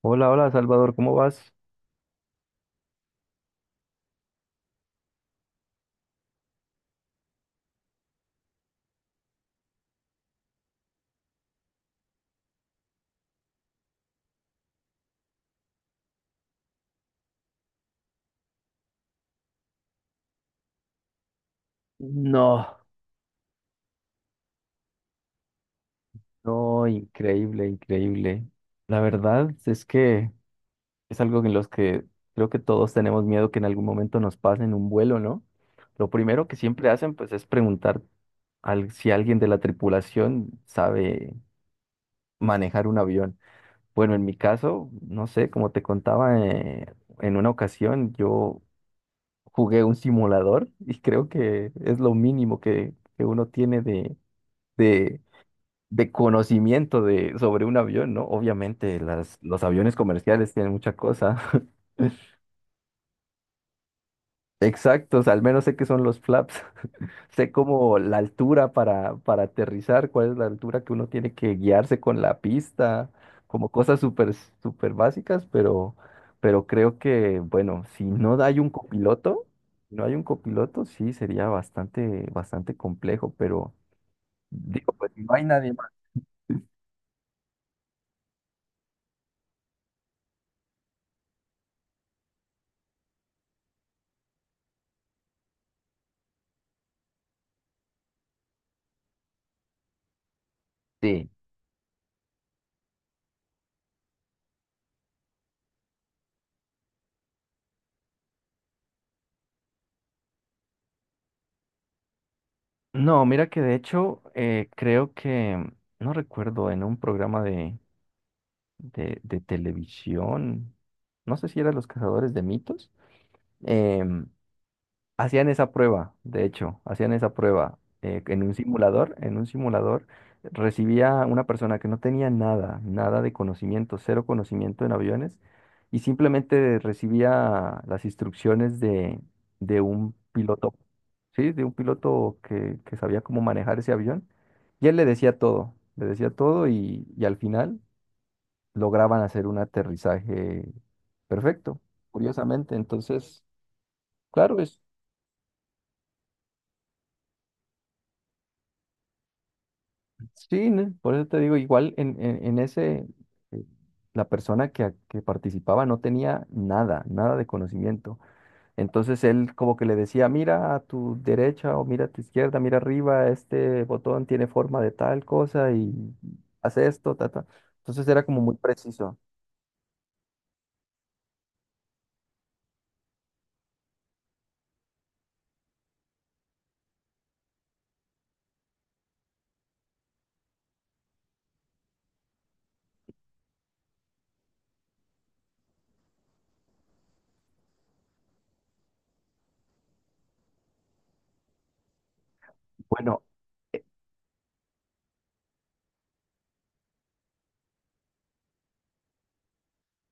Hola, hola Salvador, ¿cómo vas? No, No, increíble, increíble. La verdad es que es algo en los que creo que todos tenemos miedo que en algún momento nos pase en un vuelo, ¿no? Lo primero que siempre hacen pues es preguntar si alguien de la tripulación sabe manejar un avión. Bueno, en mi caso, no sé, como te contaba, en una ocasión yo jugué un simulador y creo que es lo mínimo que, uno tiene de de conocimiento de, sobre un avión, ¿no? Obviamente, los aviones comerciales tienen mucha cosa. Exactos, al menos sé que son los flaps. Sé como la altura para aterrizar, cuál es la altura que uno tiene que guiarse con la pista, como cosas súper, súper básicas, pero creo que, bueno, si no hay un copiloto, si no hay un copiloto, sí sería bastante, bastante complejo, pero digo, pues si no hay nadie más. Sí. No, mira que de hecho creo que, no recuerdo, en un programa de televisión, no sé si eran Los Cazadores de Mitos, em, hacían esa prueba, de hecho, hacían esa prueba en un simulador recibía una persona que no tenía nada, nada de conocimiento, cero conocimiento en aviones, y simplemente recibía las instrucciones de un piloto, ¿sí? De un piloto que sabía cómo manejar ese avión, y él le decía todo, y al final lograban hacer un aterrizaje perfecto, curiosamente, entonces... Claro, sí, ¿no? Por eso te digo, igual en ese, eh, la persona que participaba no tenía nada, nada de conocimiento. Entonces él como que le decía, mira a tu derecha o mira a tu izquierda, mira arriba, este botón tiene forma de tal cosa y hace esto, ta, ta". Entonces era como muy preciso. Bueno, eh,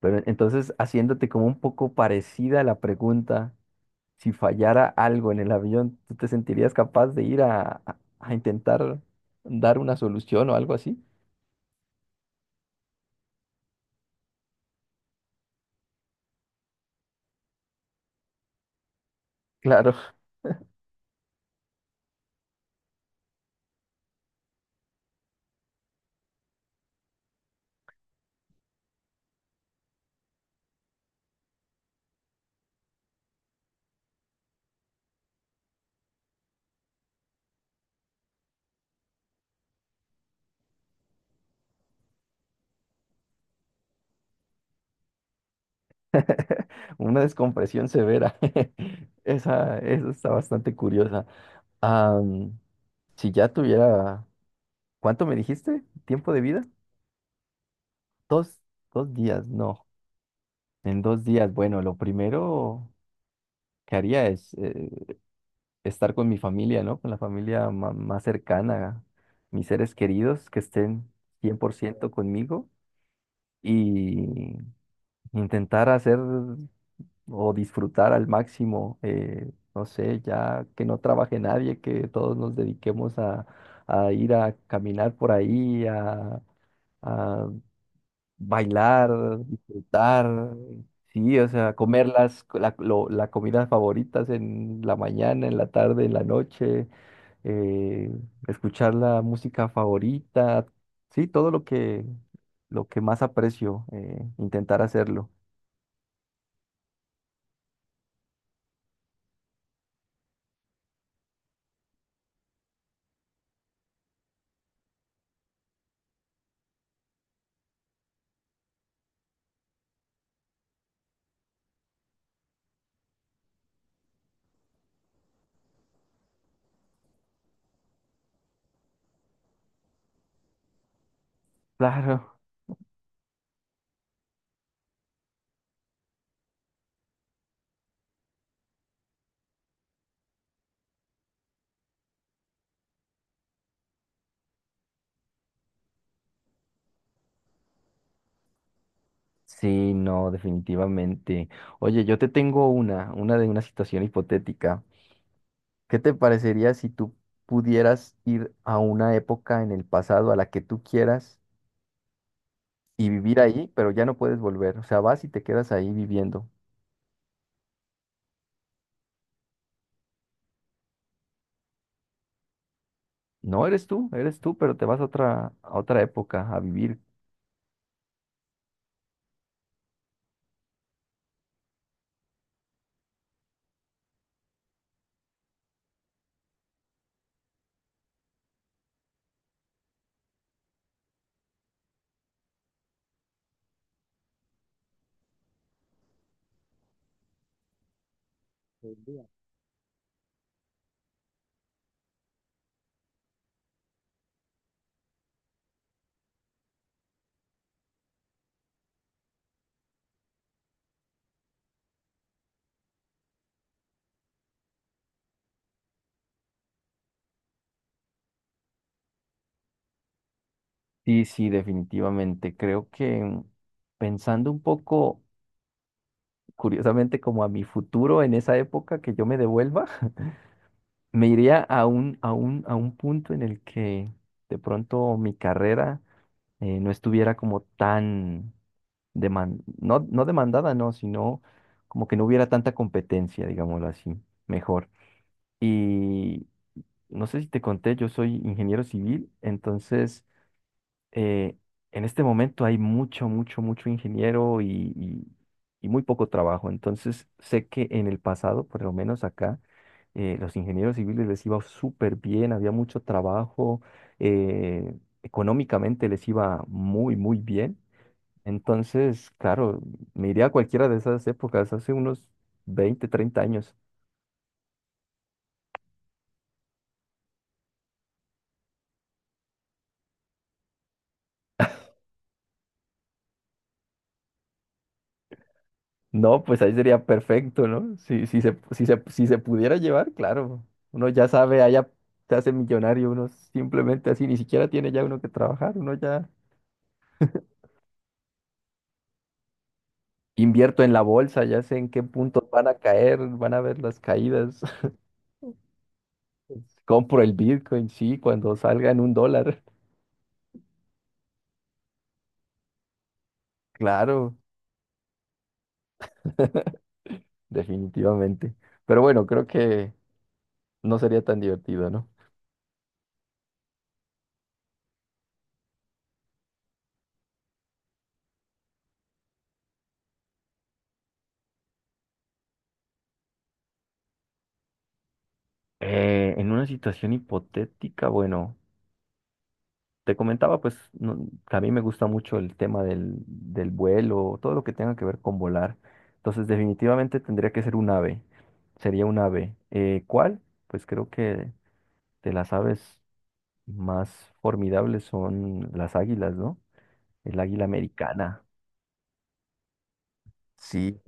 pero entonces haciéndote como un poco parecida la pregunta. Si fallara algo en el avión, ¿tú te sentirías capaz de ir a intentar dar una solución o algo así? Claro. Una descompresión severa. Esa, eso está bastante curiosa. Am, si ya tuviera, ¿cuánto me dijiste? ¿Tiempo de vida? Dos, dos días, no. En dos días, bueno, lo primero que haría es estar con mi familia, ¿no? Con la familia más cercana, mis seres queridos que estén 100% conmigo y intentar hacer o disfrutar al máximo, no sé, ya que no trabaje nadie, que todos nos dediquemos a ir a caminar por ahí, a bailar, disfrutar, sí, o sea, comer la comidas favoritas en la mañana, en la tarde, en la noche, eh, escuchar la música favorita, sí, todo lo que más aprecio, intentar hacerlo. Claro. Sí, no, definitivamente. Oye, yo te tengo una de una situación hipotética. ¿Qué te parecería si tú pudieras ir a una época en el pasado a la que tú quieras y vivir ahí, pero ya no puedes volver? O sea, vas y te quedas ahí viviendo. No eres tú, eres tú, pero te vas a otra época a vivir. Sí, sí, definitivamente. Creo que mm, pensando un poco, curiosamente, como a mi futuro en esa época que yo me devuelva. Me iría a a un punto en el que de pronto mi carrera no estuviera como tan demandada, no, sino como que no hubiera tanta competencia, digámoslo así, mejor. Y no sé si te conté, yo soy ingeniero civil, entonces eh, en este momento hay mucho, mucho, mucho ingeniero y- y muy poco trabajo. Entonces, sé que en el pasado, por lo menos acá, los ingenieros civiles les iba súper bien, había mucho trabajo, eh, económicamente les iba muy, muy bien. Entonces, claro, me iría a cualquiera de esas épocas, hace unos 20, 30 años. No, pues ahí sería perfecto, ¿no? Si se pudiera llevar, claro. Uno ya sabe, allá se hace millonario, uno simplemente así, ni siquiera tiene ya uno que trabajar, uno ya invierto en la bolsa, ya sé en qué puntos van a caer, van a ver las caídas. Compro el Bitcoin, sí, cuando salga en $1. Claro, definitivamente. Pero bueno, creo que no sería tan divertido, ¿no? En una situación hipotética, bueno. Te comentaba, pues, que a mí me gusta mucho el tema del vuelo, todo lo que tenga que ver con volar. Entonces, definitivamente tendría que ser un ave. Sería un ave. ¿Cuál? Pues creo que de las aves más formidables son las águilas, ¿no? El águila americana, sí,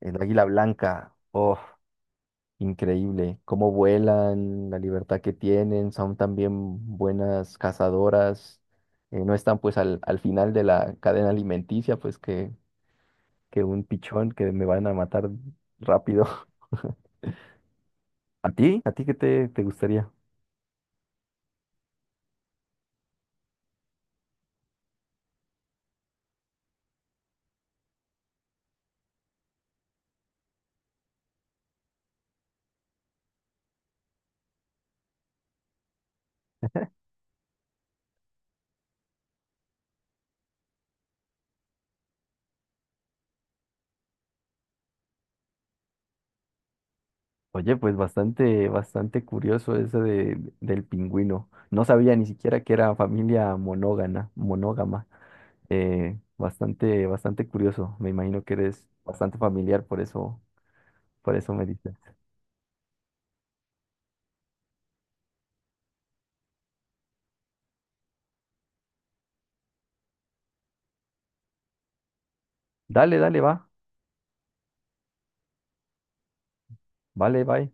el águila blanca. Oh. Increíble, cómo vuelan, la libertad que tienen, son también buenas cazadoras, no están pues al final de la cadena alimenticia, pues que un pichón que me van a matar rápido. ¿A ti? ¿A ti qué te, te gustaría? Oye, pues bastante, bastante curioso eso de, del pingüino. No sabía ni siquiera que era familia monógama, monógama. Bastante, bastante curioso. Me imagino que eres bastante familiar, por eso me dices. Dale, dale, va. Vale, bye.